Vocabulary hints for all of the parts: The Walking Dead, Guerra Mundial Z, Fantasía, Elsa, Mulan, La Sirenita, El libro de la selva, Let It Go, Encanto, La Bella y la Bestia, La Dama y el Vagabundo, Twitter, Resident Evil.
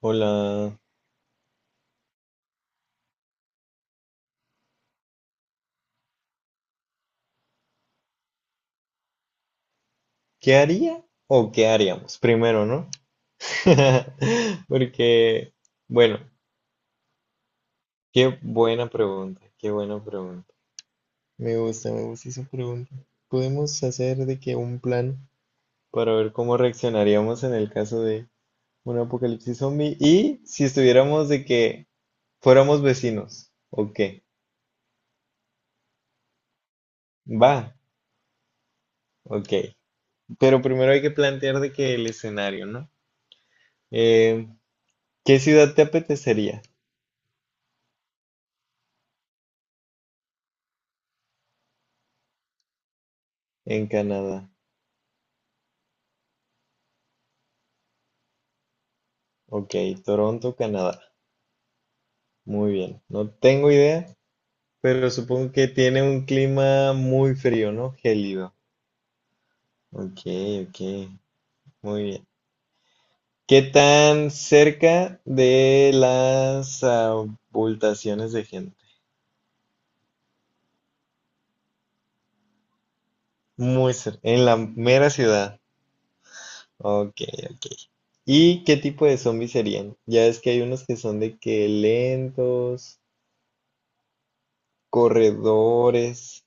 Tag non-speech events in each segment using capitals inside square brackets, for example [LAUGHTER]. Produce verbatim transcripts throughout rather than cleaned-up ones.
Hola, ¿qué haría o qué haríamos? Primero, ¿no? [LAUGHS] Porque, bueno, qué buena pregunta, qué buena pregunta. Me gusta, me gusta esa pregunta. Podemos hacer de que un plan para ver cómo reaccionaríamos en el caso de un apocalipsis zombie y si estuviéramos de que fuéramos vecinos, ¿o qué? Va, ok. Pero primero hay que plantear de que el escenario, ¿no? Eh, ¿Qué ciudad te apetecería en Canadá? Ok, Toronto, Canadá. Muy bien. No tengo idea, pero supongo que tiene un clima muy frío, ¿no? Gélido. Ok, ok. Muy bien. ¿Qué tan cerca de las abultaciones de gente? Muy cerca. En la mera ciudad. Ok, ok. ¿Y qué tipo de zombies serían? Ya es que hay unos que son de que lentos, corredores,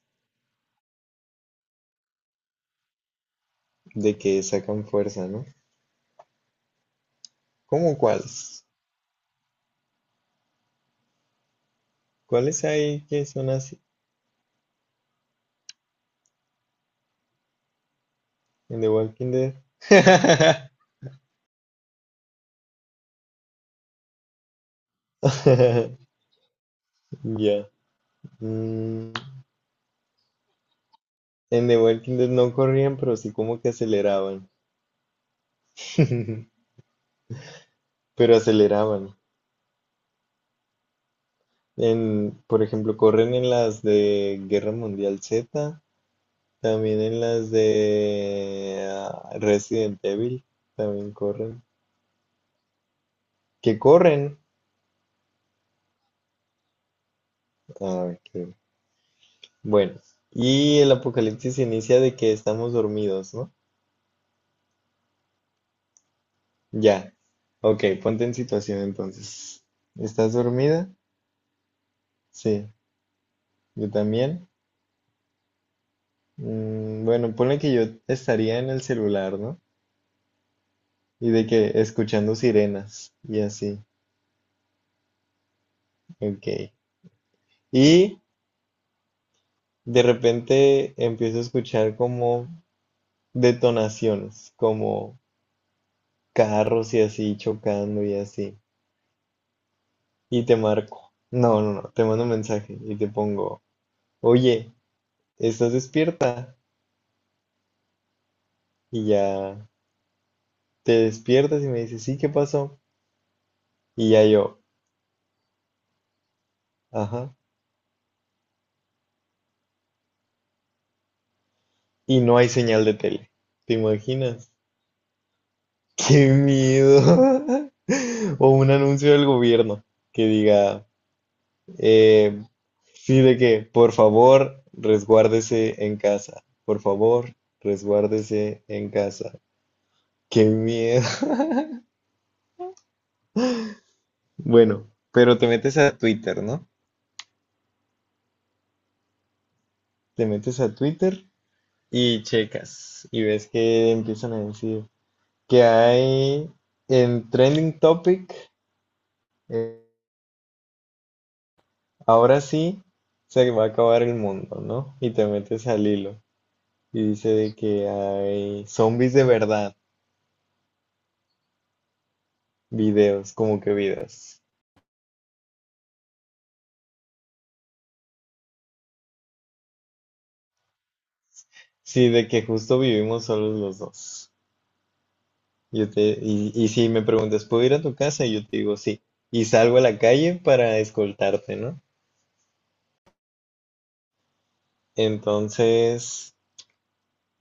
de que sacan fuerza, ¿no? ¿Cómo cuáles? ¿Cuáles hay que son así? En The Walking Dead. [LAUGHS] Ya. Mm, En The Walking Dead no corrían, pero sí como que aceleraban. [LAUGHS] Pero aceleraban. En, por ejemplo, corren en las de Guerra Mundial Z, también en las de ah, Resident Evil, también corren. ¿Qué corren? Ah, qué. Bueno, y el apocalipsis se inicia de que estamos dormidos, ¿no? Ya, ok, ponte en situación entonces. ¿Estás dormida? Sí, yo también. Mm, bueno, ponle que yo estaría en el celular, ¿no? Y de que escuchando sirenas y así, ok. Y de repente empiezo a escuchar como detonaciones, como carros y así chocando y así. Y te marco. No, no, no, te mando un mensaje y te pongo, oye, ¿estás despierta? Y ya. Te despiertas y me dices, sí, ¿qué pasó? Y ya yo, ajá. Y no hay señal de tele. ¿Te imaginas? [LAUGHS] ¡Qué miedo! [LAUGHS] O un anuncio del gobierno que diga, eh, sí, de que, por favor, resguárdese en casa. Por favor, resguárdese en casa. ¡Qué miedo! [LAUGHS] Bueno, pero te metes a Twitter, ¿no? Te metes a Twitter y checas y ves que empiezan a decir que hay en Trending Topic, eh, ahora sí se va a acabar el mundo, ¿no? Y te metes al hilo y dice de que hay zombies de verdad, videos, como que vidas. Sí, de que justo vivimos solos los dos. Yo te, y, y si me preguntas, ¿puedo ir a tu casa? Y yo te digo sí. Y salgo a la calle para escoltarte, ¿no? Entonces,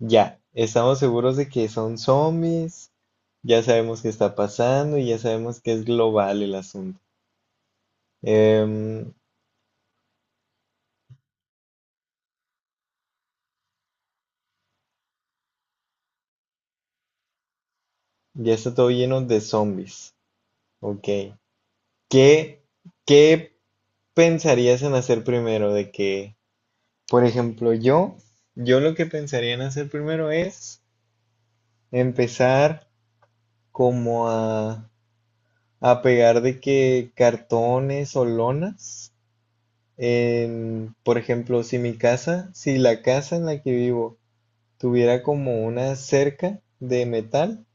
ya, estamos seguros de que son zombies, ya sabemos qué está pasando y ya sabemos que es global el asunto. Em, ya está todo lleno de zombies. Ok. ¿Qué, qué pensarías en hacer primero? De que, por ejemplo, yo, yo lo que pensaría en hacer primero es empezar como a, a pegar de que cartones o lonas. En, por ejemplo, si mi casa, si la casa en la que vivo tuviera como una cerca de metal,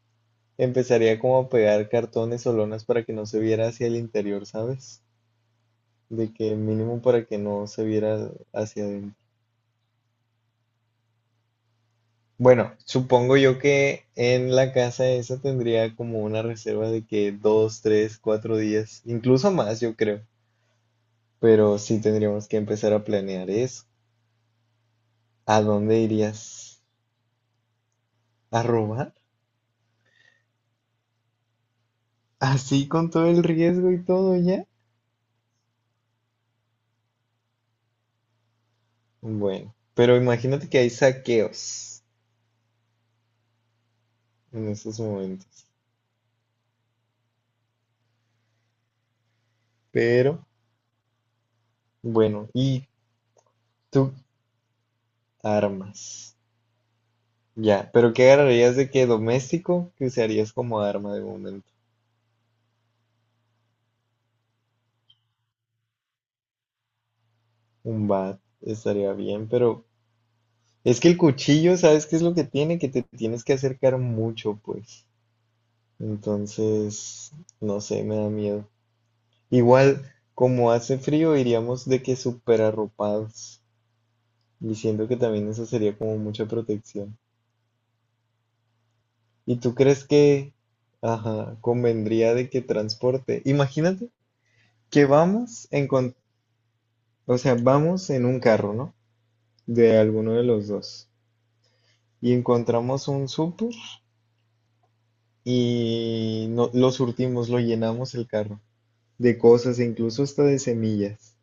empezaría como a pegar cartones o lonas para que no se viera hacia el interior, ¿sabes? De que mínimo para que no se viera hacia adentro. Bueno, supongo yo que en la casa esa tendría como una reserva de que dos, tres, cuatro días, incluso más, yo creo. Pero sí tendríamos que empezar a planear eso. ¿A dónde irías? ¿A robar? Así con todo el riesgo y todo ya. Bueno, pero imagínate que hay saqueos en estos momentos. Pero, bueno, y tú armas. Ya, pero ¿qué agarrarías de qué doméstico que usarías como arma de momento? Un bat estaría bien, pero es que el cuchillo, ¿sabes qué es lo que tiene? Que te tienes que acercar mucho, pues. Entonces, no sé, me da miedo. Igual, como hace frío, iríamos de que súper arropados. Y siento que también eso sería como mucha protección. ¿Y tú crees que, ajá, convendría de que transporte? Imagínate que vamos en, con- o sea, vamos en un carro, ¿no? De alguno de los dos. Y encontramos un súper y no, lo surtimos, lo llenamos el carro de cosas, e incluso hasta de semillas.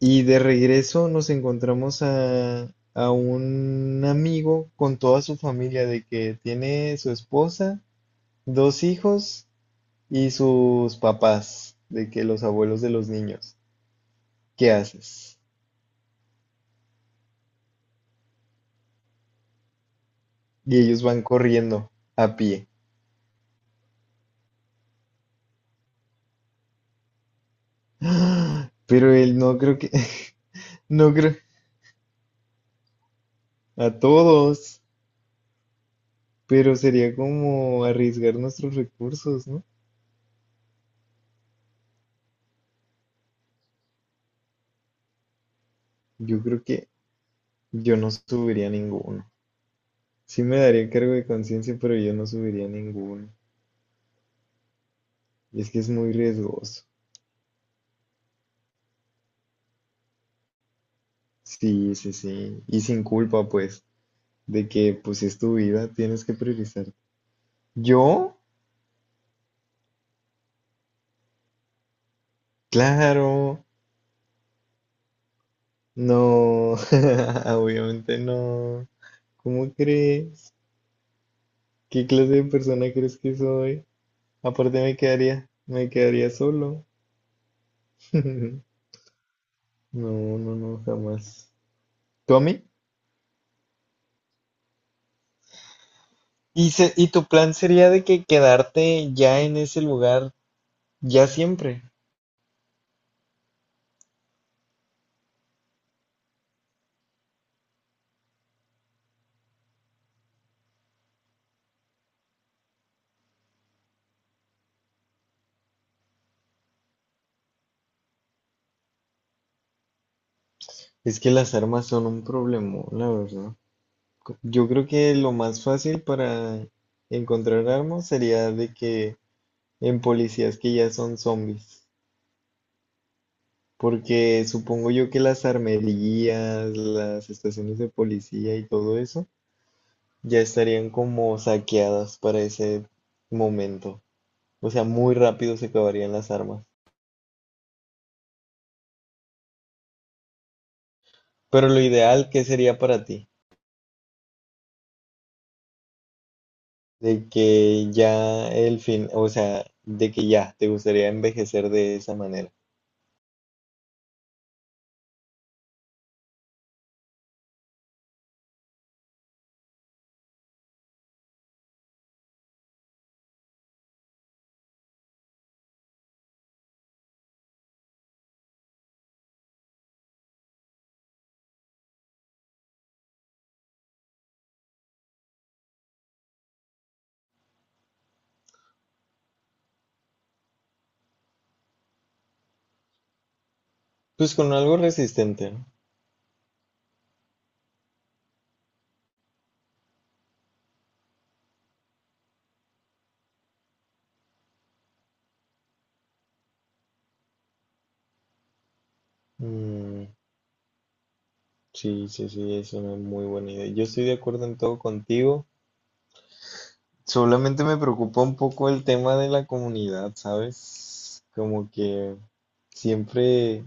Y de regreso nos encontramos a, a un amigo con toda su familia, de que tiene su esposa, dos hijos y sus papás, de que los abuelos de los niños. ¿Qué haces? Y ellos van corriendo a pie. [GASPS] Pero él no creo que, [LAUGHS] no creo, a todos, pero sería como arriesgar nuestros recursos, ¿no? Yo creo que yo no subiría ninguno. Sí me daría cargo de conciencia, pero yo no subiría ninguno. Es que es muy riesgoso. Sí, sí, sí. Y sin culpa, pues, de que pues si es tu vida, tienes que priorizar. ¿Yo? Claro, no, [LAUGHS] obviamente no. ¿Cómo crees? ¿Qué clase de persona crees que soy? Aparte me quedaría, me quedaría solo. [LAUGHS] No, no, no, jamás. ¿Tú a mí? ¿Y, se- y tu plan sería de que quedarte ya en ese lugar, ya siempre? Es que las armas son un problema, la verdad. Co- Yo creo que lo más fácil para encontrar armas sería de que en policías que ya son zombies. Porque supongo yo que las armerías, las estaciones de policía y todo eso ya estarían como saqueadas para ese momento. O sea, muy rápido se acabarían las armas. Pero lo ideal, ¿qué sería para ti? De que ya el fin, o sea, de que ya te gustaría envejecer de esa manera. Pues con algo resistente, ¿no? Mm, sí, sí, sí, es una muy buena idea. Yo estoy de acuerdo en todo contigo. Solamente me preocupa un poco el tema de la comunidad, ¿sabes? Como que siempre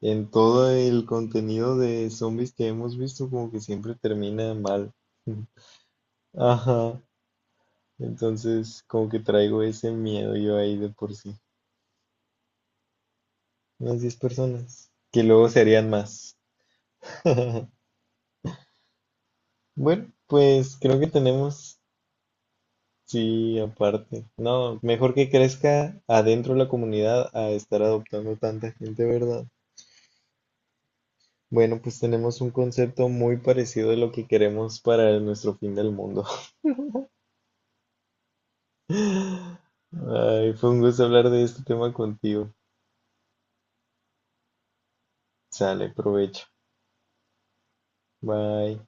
en todo el contenido de zombies que hemos visto, como que siempre termina mal. [LAUGHS] Ajá. Entonces, como que traigo ese miedo yo ahí de por sí. Unas diez personas. Que luego serían más. [LAUGHS] Bueno, pues creo que tenemos, sí, aparte. No, mejor que crezca adentro de la comunidad a estar adoptando tanta gente, ¿verdad? Bueno, pues tenemos un concepto muy parecido de lo que queremos para nuestro fin del mundo. [LAUGHS] Ay, fue un gusto hablar de este tema contigo. Sale, provecho. Bye.